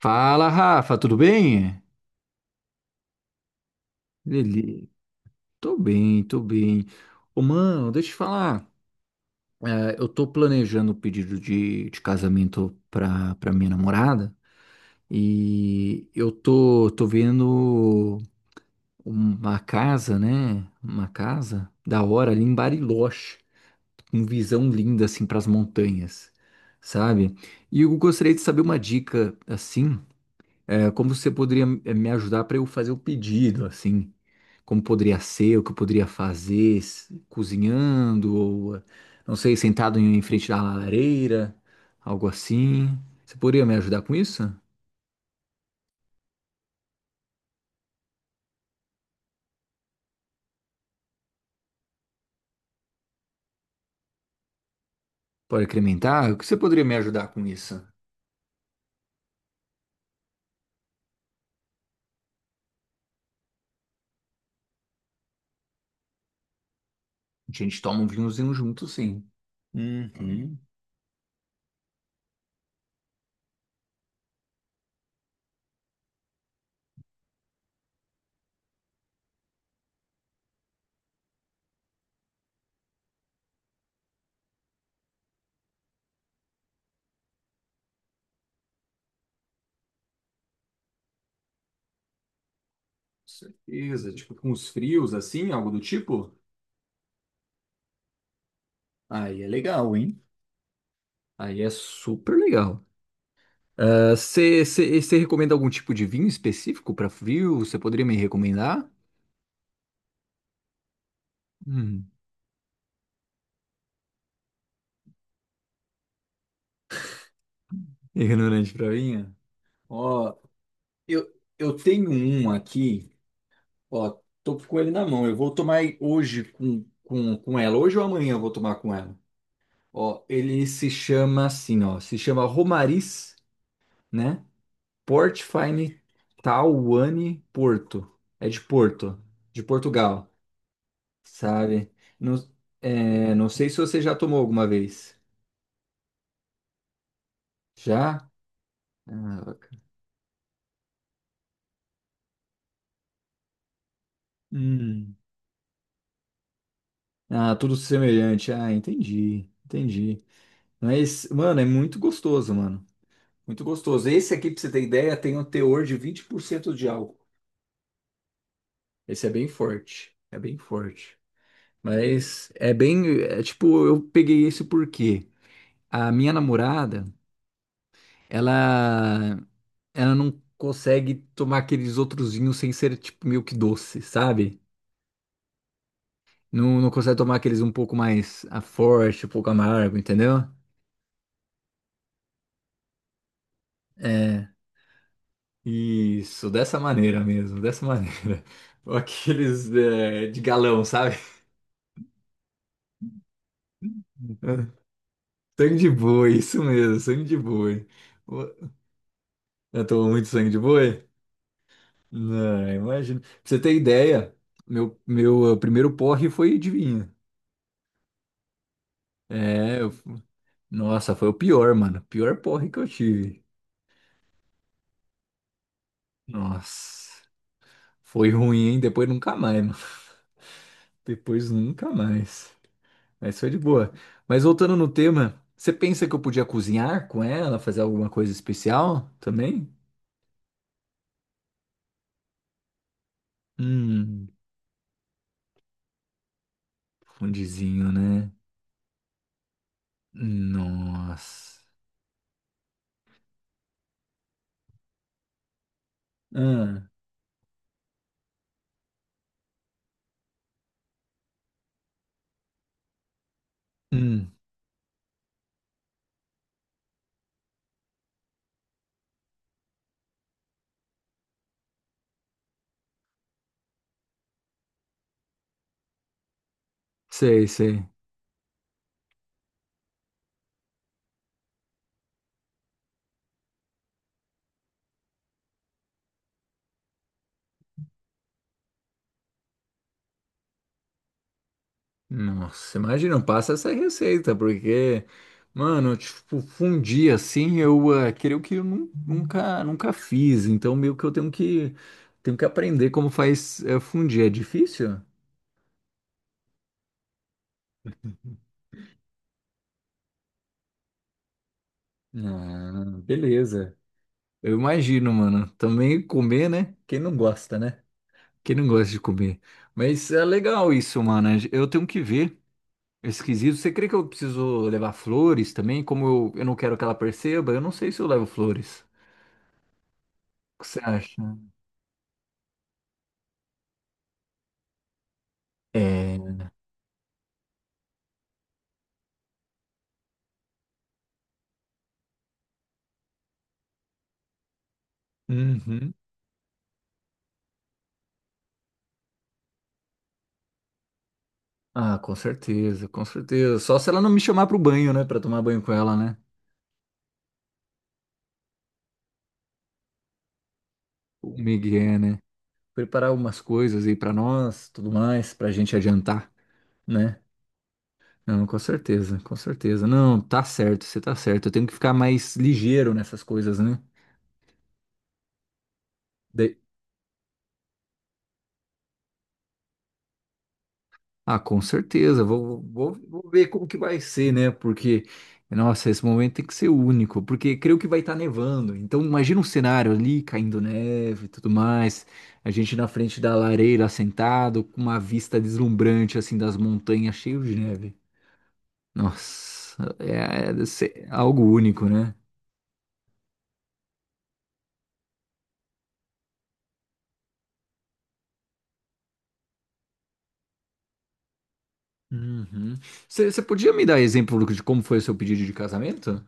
Fala, Rafa, tudo bem? Ele, tô bem, tô bem. Ô, mano, deixa eu te falar. Eu tô planejando o pedido de casamento pra minha namorada e eu tô vendo uma casa, né? Uma casa da hora ali em Bariloche, com visão linda assim pras montanhas, sabe? E eu gostaria de saber uma dica assim. Como você poderia me ajudar para eu fazer o pedido, assim? Como poderia ser, o que eu poderia fazer, cozinhando, ou não sei, sentado em frente da lareira, algo assim. Você poderia me ajudar com isso? Pode incrementar? O que você poderia me ajudar com isso? A gente toma um vinhozinho junto, sim. Uhum. Com certeza. Tipo, com os frios, assim, algo do tipo? Aí é legal, hein? Aí é super legal. Você recomenda algum tipo de vinho específico para frio? Você poderia me recomendar? Hum, ignorante pra vinho? Ó, eu tenho um aqui, ó, tô com ele na mão. Eu vou tomar hoje com ela. Hoje ou amanhã eu vou tomar com ela. Ó, ele se chama assim, ó, se chama Romariz, né? Port Fine Tawany Porto. É de Porto, de Portugal, sabe? Não, é, não sei se você já tomou alguma vez. Já? Ah, bacana. Hum. Ah, tudo semelhante. Ah, entendi, entendi. Mas, mano, é muito gostoso, mano. Muito gostoso. Esse aqui, pra você ter ideia, tem um teor de 20% de álcool. Esse é bem forte. É bem forte. Mas é bem. É, tipo, eu peguei esse porque a minha namorada, ela, ela não consegue tomar aqueles outros vinhos sem ser, tipo, meio que doce, sabe? Não, não consegue tomar aqueles um pouco mais forte, um pouco amargo, entendeu? É, isso, dessa maneira mesmo, dessa maneira. Aqueles é, de galão, sabe? Sangue de boi, isso mesmo, sangue de boi. Eu tomo muito sangue de boi? Não, imagina. Pra você ter ideia, meu primeiro porre foi de vinho. É, eu- Nossa, foi o pior, mano. Pior porre que eu tive. Nossa, foi ruim, hein? Depois nunca mais, mano. Depois nunca mais. Mas foi de boa. Mas voltando no tema, você pensa que eu podia cozinhar com ela, fazer alguma coisa especial também? Hum, fundizinho, né? Nossa. Ah, hum, sei, sei. Nossa, imagina, passa essa receita, porque, mano, tipo, fundir assim, creio que eu nunca fiz, então meio que eu tenho tenho que aprender como faz fundir. É difícil? Ah, beleza. Eu imagino, mano. Também comer, né? Quem não gosta, né? Quem não gosta de comer. Mas é legal isso, mano. Eu tenho que ver. É esquisito. Você crê que eu preciso levar flores também? Como eu não quero que ela perceba, eu não sei se eu levo flores. O que você acha? É. Uhum. Ah, com certeza, com certeza. Só se ela não me chamar pro banho, né? Pra tomar banho com ela, né? O Miguel, né? Preparar algumas coisas aí pra nós, tudo mais, pra gente adiantar, né? Não, com certeza, com certeza. Não, tá certo, você tá certo. Eu tenho que ficar mais ligeiro nessas coisas, né? Daí- Ah, com certeza. Vou ver como que vai ser, né? Porque, nossa, esse momento tem que ser único, porque creio que vai estar nevando. Então, imagina um cenário ali caindo neve e tudo mais. A gente na frente da lareira sentado, com uma vista deslumbrante, assim, das montanhas cheio de neve. Nossa, é, é algo único, né? Uhum. Você podia me dar exemplo de como foi o seu pedido de casamento?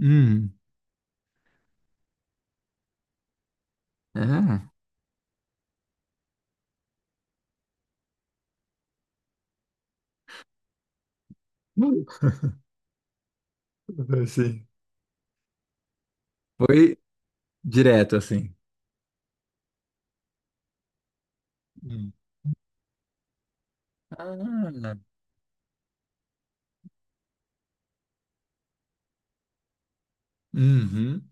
Hum. Ah, sim. Foi direto assim. Hum. Ah, uhum,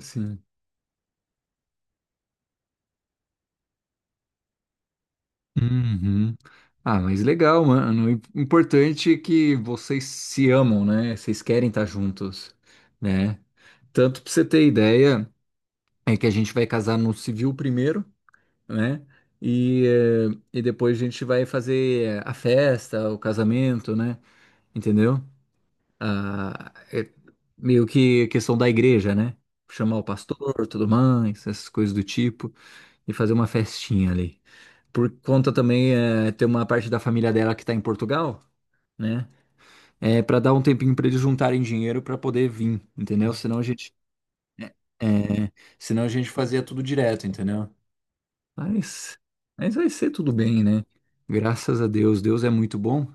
sim. Uhum. Ah, mas legal, mano. O importante é que vocês se amam, né? Vocês querem estar juntos, né? Tanto pra você ter ideia, é que a gente vai casar no civil primeiro. Né? E depois a gente vai fazer a festa, o casamento, né? Entendeu? Ah, é meio que questão da igreja, né? Chamar o pastor, tudo mais, essas coisas do tipo, e fazer uma festinha ali. Por conta também, ter uma parte da família dela que tá em Portugal, né? É para dar um tempinho para eles juntarem dinheiro para poder vir, entendeu? Senão a gente, eh, senão a gente fazia tudo direto, entendeu? Mas, mas vai ser tudo bem, né? Graças a Deus, Deus é muito bom,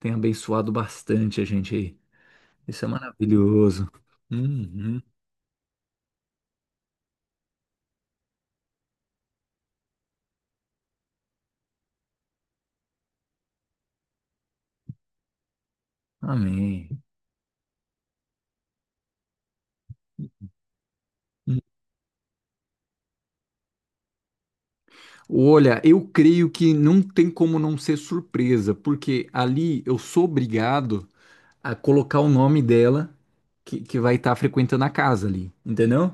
tem abençoado bastante a gente aí. Isso é maravilhoso. Uhum. Amém. Hum. Olha, eu creio que não tem como não ser surpresa, porque ali eu sou obrigado a colocar o nome dela que vai estar frequentando a casa ali, entendeu?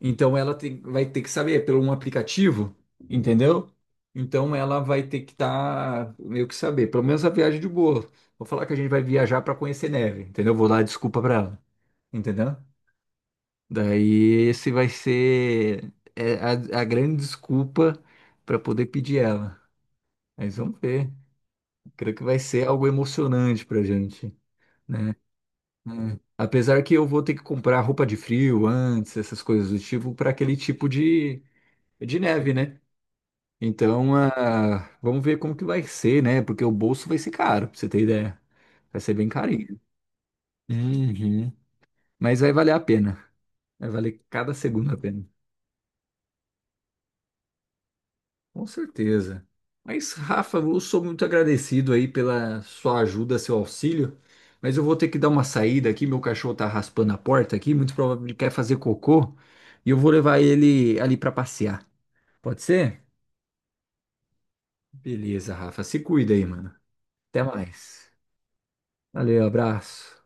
Então vai ter que saber é pelo um aplicativo, entendeu? Então ela vai ter que estar meio que saber, pelo menos a viagem de boa. Vou falar que a gente vai viajar para conhecer neve, entendeu? Vou dar desculpa para ela, entendeu? Daí esse vai ser a grande desculpa para poder pedir ela. Mas vamos ver. Creio que vai ser algo emocionante pra gente, né? É. Apesar que eu vou ter que comprar roupa de frio antes, essas coisas do tipo, para aquele tipo de neve, né? Então, ah, vamos ver como que vai ser, né? Porque o bolso vai ser caro, pra você ter ideia. Vai ser bem carinho. Uhum. Mas vai valer a pena. Vai valer cada segundo a pena. Com certeza. Mas, Rafa, eu sou muito agradecido aí pela sua ajuda, seu auxílio. Mas eu vou ter que dar uma saída aqui. Meu cachorro tá raspando a porta aqui. Muito provavelmente ele quer fazer cocô. E eu vou levar ele ali pra passear. Pode ser? Beleza, Rafa. Se cuida aí, mano. Até mais. Valeu, abraço.